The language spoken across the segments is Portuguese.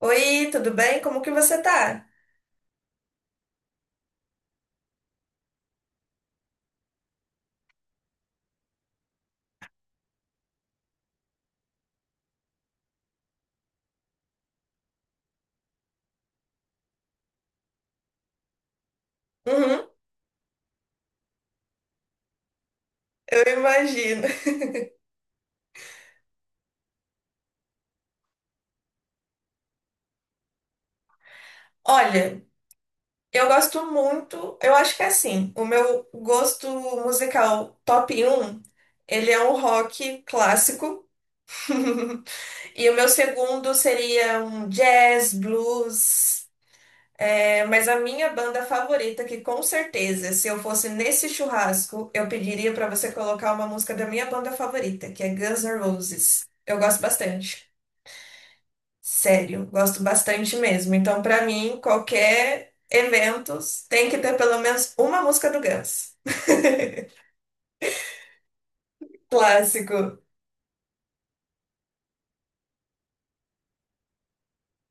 Oi, tudo bem? Como que você tá? Uhum, eu imagino. Olha, eu gosto muito, eu acho que é assim, o meu gosto musical top um, ele é um rock clássico. E o meu segundo seria um jazz, blues. É, mas a minha banda favorita, que com certeza, se eu fosse nesse churrasco, eu pediria pra você colocar uma música da minha banda favorita, que é Guns N' Roses. Eu gosto bastante. Sério, gosto bastante mesmo. Então, pra mim, qualquer evento tem que ter pelo menos uma música do Guns. Clássico.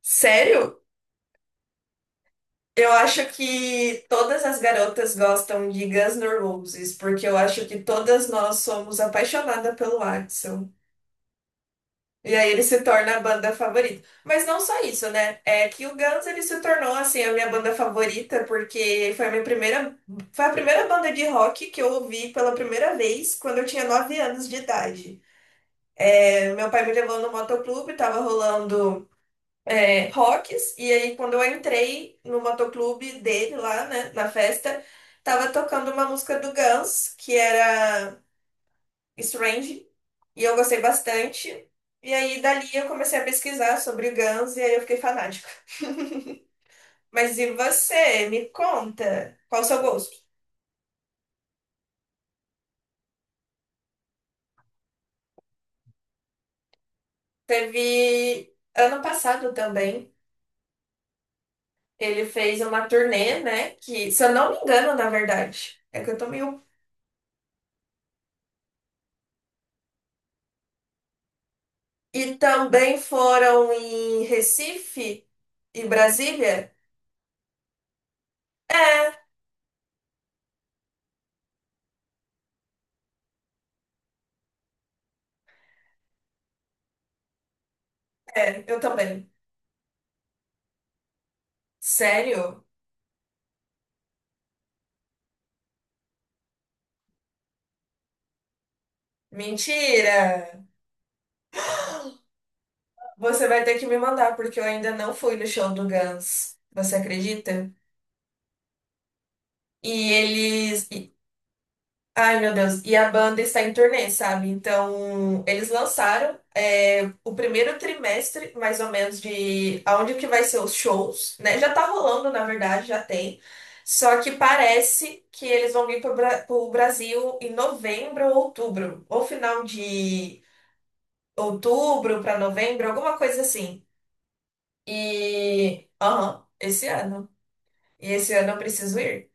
Sério? Eu acho que todas as garotas gostam de Guns N' Roses, porque eu acho que todas nós somos apaixonadas pelo Axl. E aí ele se torna a banda favorita. Mas não só isso, né? É que o Guns ele se tornou assim a minha banda favorita porque foi a primeira banda de rock que eu ouvi pela primeira vez quando eu tinha 9 anos de idade. É, meu pai me levou no motoclube, tava rolando rocks e aí quando eu entrei no motoclube dele lá, né, na festa, tava tocando uma música do Guns que era Strange. E eu gostei bastante. E aí, dali, eu comecei a pesquisar sobre o Guns e aí eu fiquei fanática. Mas e você? Me conta, qual o seu gosto? Teve ano passado também, ele fez uma turnê, né? Que, se eu não me engano, na verdade, é que eu tô meio. E também foram em Recife e Brasília? É, é, eu também. Sério? Mentira! Você vai ter que me mandar, porque eu ainda não fui no show do Guns. Você acredita? E eles. Ai, meu Deus. E a banda está em turnê, sabe? Então, eles lançaram o primeiro trimestre, mais ou menos, de aonde que vai ser os shows, né? Já tá rolando, na verdade, já tem. Só que parece que eles vão vir pro Brasil em novembro ou outubro. Ou final de outubro para novembro, alguma coisa assim. E. Aham, esse ano. E esse ano eu preciso ir?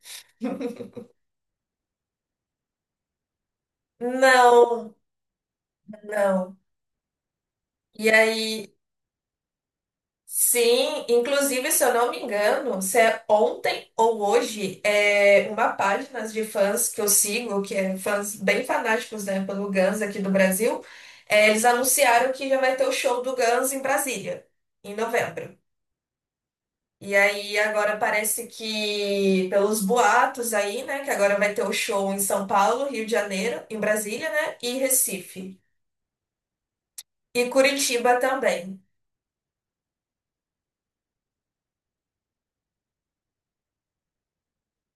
Não, não. E aí. Sim, inclusive, se eu não me engano, se é ontem ou hoje, é uma página de fãs que eu sigo, que é fãs bem fanáticos, né, pelo Guns aqui do Brasil, é, eles anunciaram que já vai ter o show do Guns em Brasília, em novembro. E aí agora parece que, pelos boatos aí, né, que agora vai ter o show em São Paulo, Rio de Janeiro, em Brasília, né, e Recife. E Curitiba também.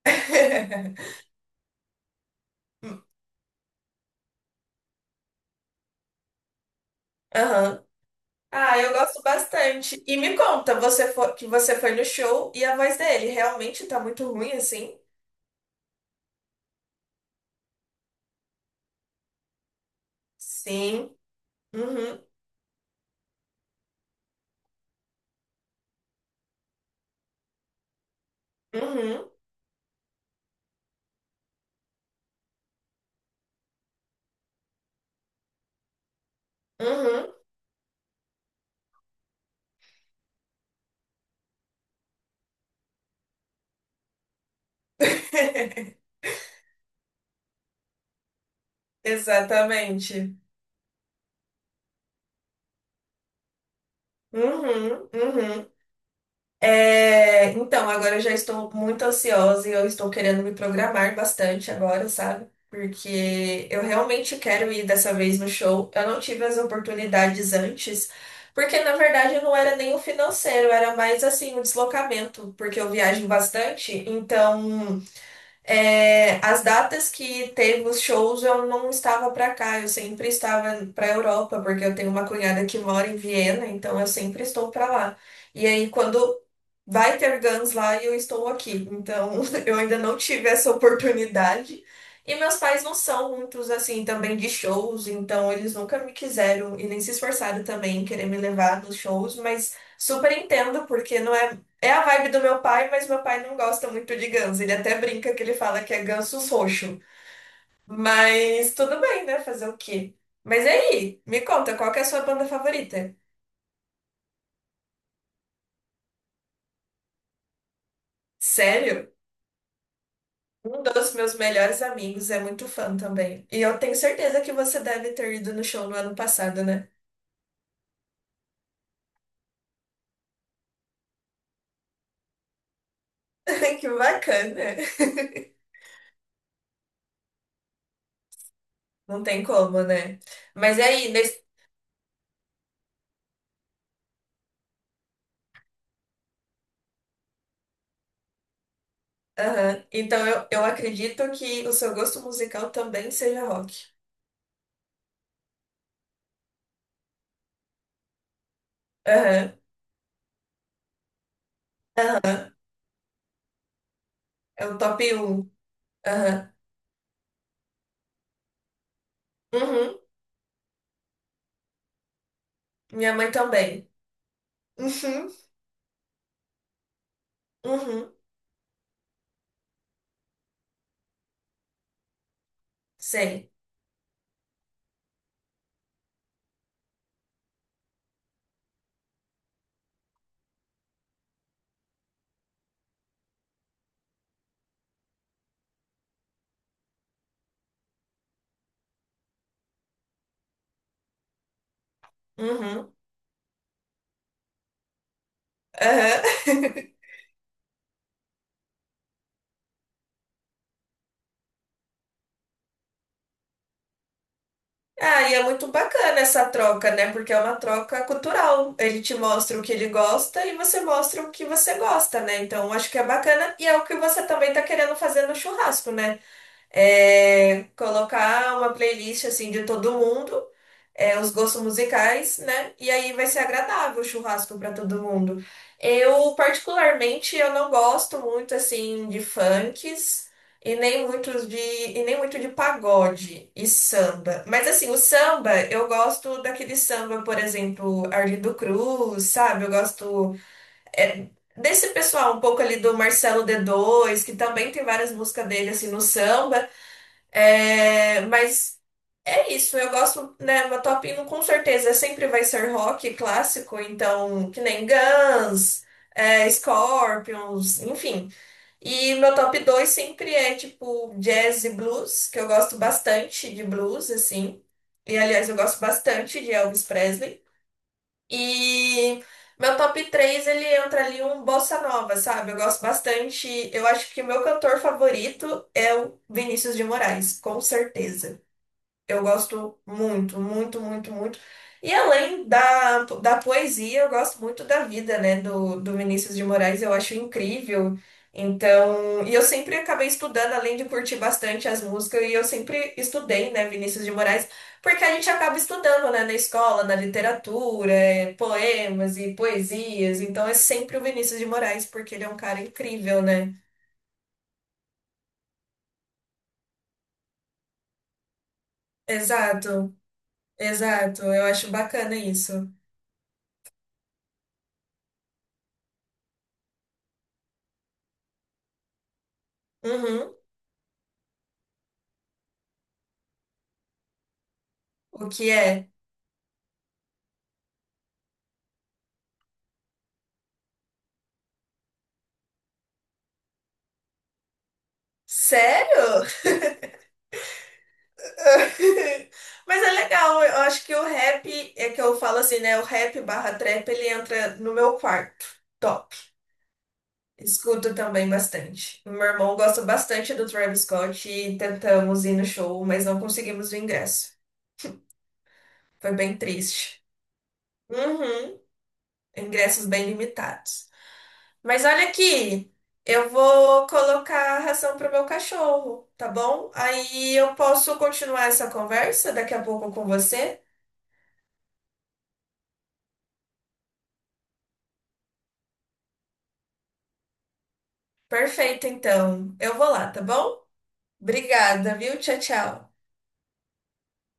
Aham. Ah, eu gosto bastante. E me conta, você foi, que você foi no show e a voz dele realmente tá muito ruim assim? Sim. Uhum, uhum, uhum. Exatamente. Uhum, uhum. É, então, agora eu já estou muito ansiosa e eu estou querendo me programar bastante agora, sabe? Porque eu realmente quero ir dessa vez no show. Eu não tive as oportunidades antes, porque na verdade não era nem o financeiro, era mais assim o deslocamento, porque eu viajo bastante. Então, é, as datas que teve os shows eu não estava para cá, eu sempre estava para Europa, porque eu tenho uma cunhada que mora em Viena, então eu sempre estou para lá. E aí, quando Vai ter Guns lá e eu estou aqui. Então, eu ainda não tive essa oportunidade. E meus pais não são muitos, assim, também de shows, então eles nunca me quiseram e nem se esforçaram também em querer me levar nos shows, mas super entendo, porque não é. É a vibe do meu pai, mas meu pai não gosta muito de Guns. Ele até brinca que ele fala que é Gansos roxo. Mas tudo bem, né? Fazer o quê? Mas e aí, me conta, qual que é a sua banda favorita? Sério? Um dos meus melhores amigos é muito fã também. E eu tenho certeza que você deve ter ido no show no ano passado, né? Que bacana. Não tem como, né? Mas é aí, nesse. Aham. Então eu acredito que o seu gosto musical também seja rock. Aham, aham. É o top um. Aham. Uhum. Minha mãe também. Uhum. Uhum. Sei. Uhum. Aham. Ah, e é muito bacana essa troca, né? Porque é uma troca cultural. Ele te mostra o que ele gosta e você mostra o que você gosta, né? Então, acho que é bacana e é o que você também tá querendo fazer no churrasco, né? É, colocar uma playlist assim de todo mundo, é, os gostos musicais, né? E aí vai ser agradável o churrasco para todo mundo. Eu, particularmente, eu não gosto muito assim de funks e nem muito de pagode e samba. Mas assim, o samba, eu gosto daquele samba, por exemplo, Arlindo Cruz, sabe? Eu gosto é, desse pessoal um pouco ali do Marcelo D2, que também tem várias músicas dele assim no samba. É, mas é isso, eu gosto, né? Uma top hino com certeza sempre vai ser rock clássico, então, que nem Guns, é, Scorpions, enfim. E meu top 2 sempre é tipo jazz e blues, que eu gosto bastante de blues, assim. E aliás, eu gosto bastante de Elvis Presley. E meu top 3 ele entra ali um bossa nova, sabe? Eu gosto bastante. Eu acho que o meu cantor favorito é o Vinícius de Moraes, com certeza. Eu gosto muito, muito, muito, muito. E além da poesia, eu gosto muito da vida, né, do Vinícius de Moraes, eu acho incrível. Então, e eu sempre acabei estudando, além de curtir bastante as músicas, e eu sempre estudei, né, Vinícius de Moraes, porque a gente acaba estudando, né, na escola, na literatura, é, poemas e poesias. Então, é sempre o Vinícius de Moraes, porque ele é um cara incrível, né? Exato, exato. Eu acho bacana isso. Uhum. O que é? Sério? Mas é legal, eu acho que o rap, é que eu falo assim, né? O rap barra trap, ele entra no meu quarto. Top. Escuto também bastante. O meu irmão gosta bastante do Travis Scott e tentamos ir no show, mas não conseguimos o ingresso. Foi bem triste. Uhum. Ingressos bem limitados. Mas olha aqui, eu vou colocar a ração pro meu cachorro, tá bom? Aí eu posso continuar essa conversa daqui a pouco com você? Perfeito, então. Eu vou lá, tá bom? Obrigada, viu? Tchau, tchau.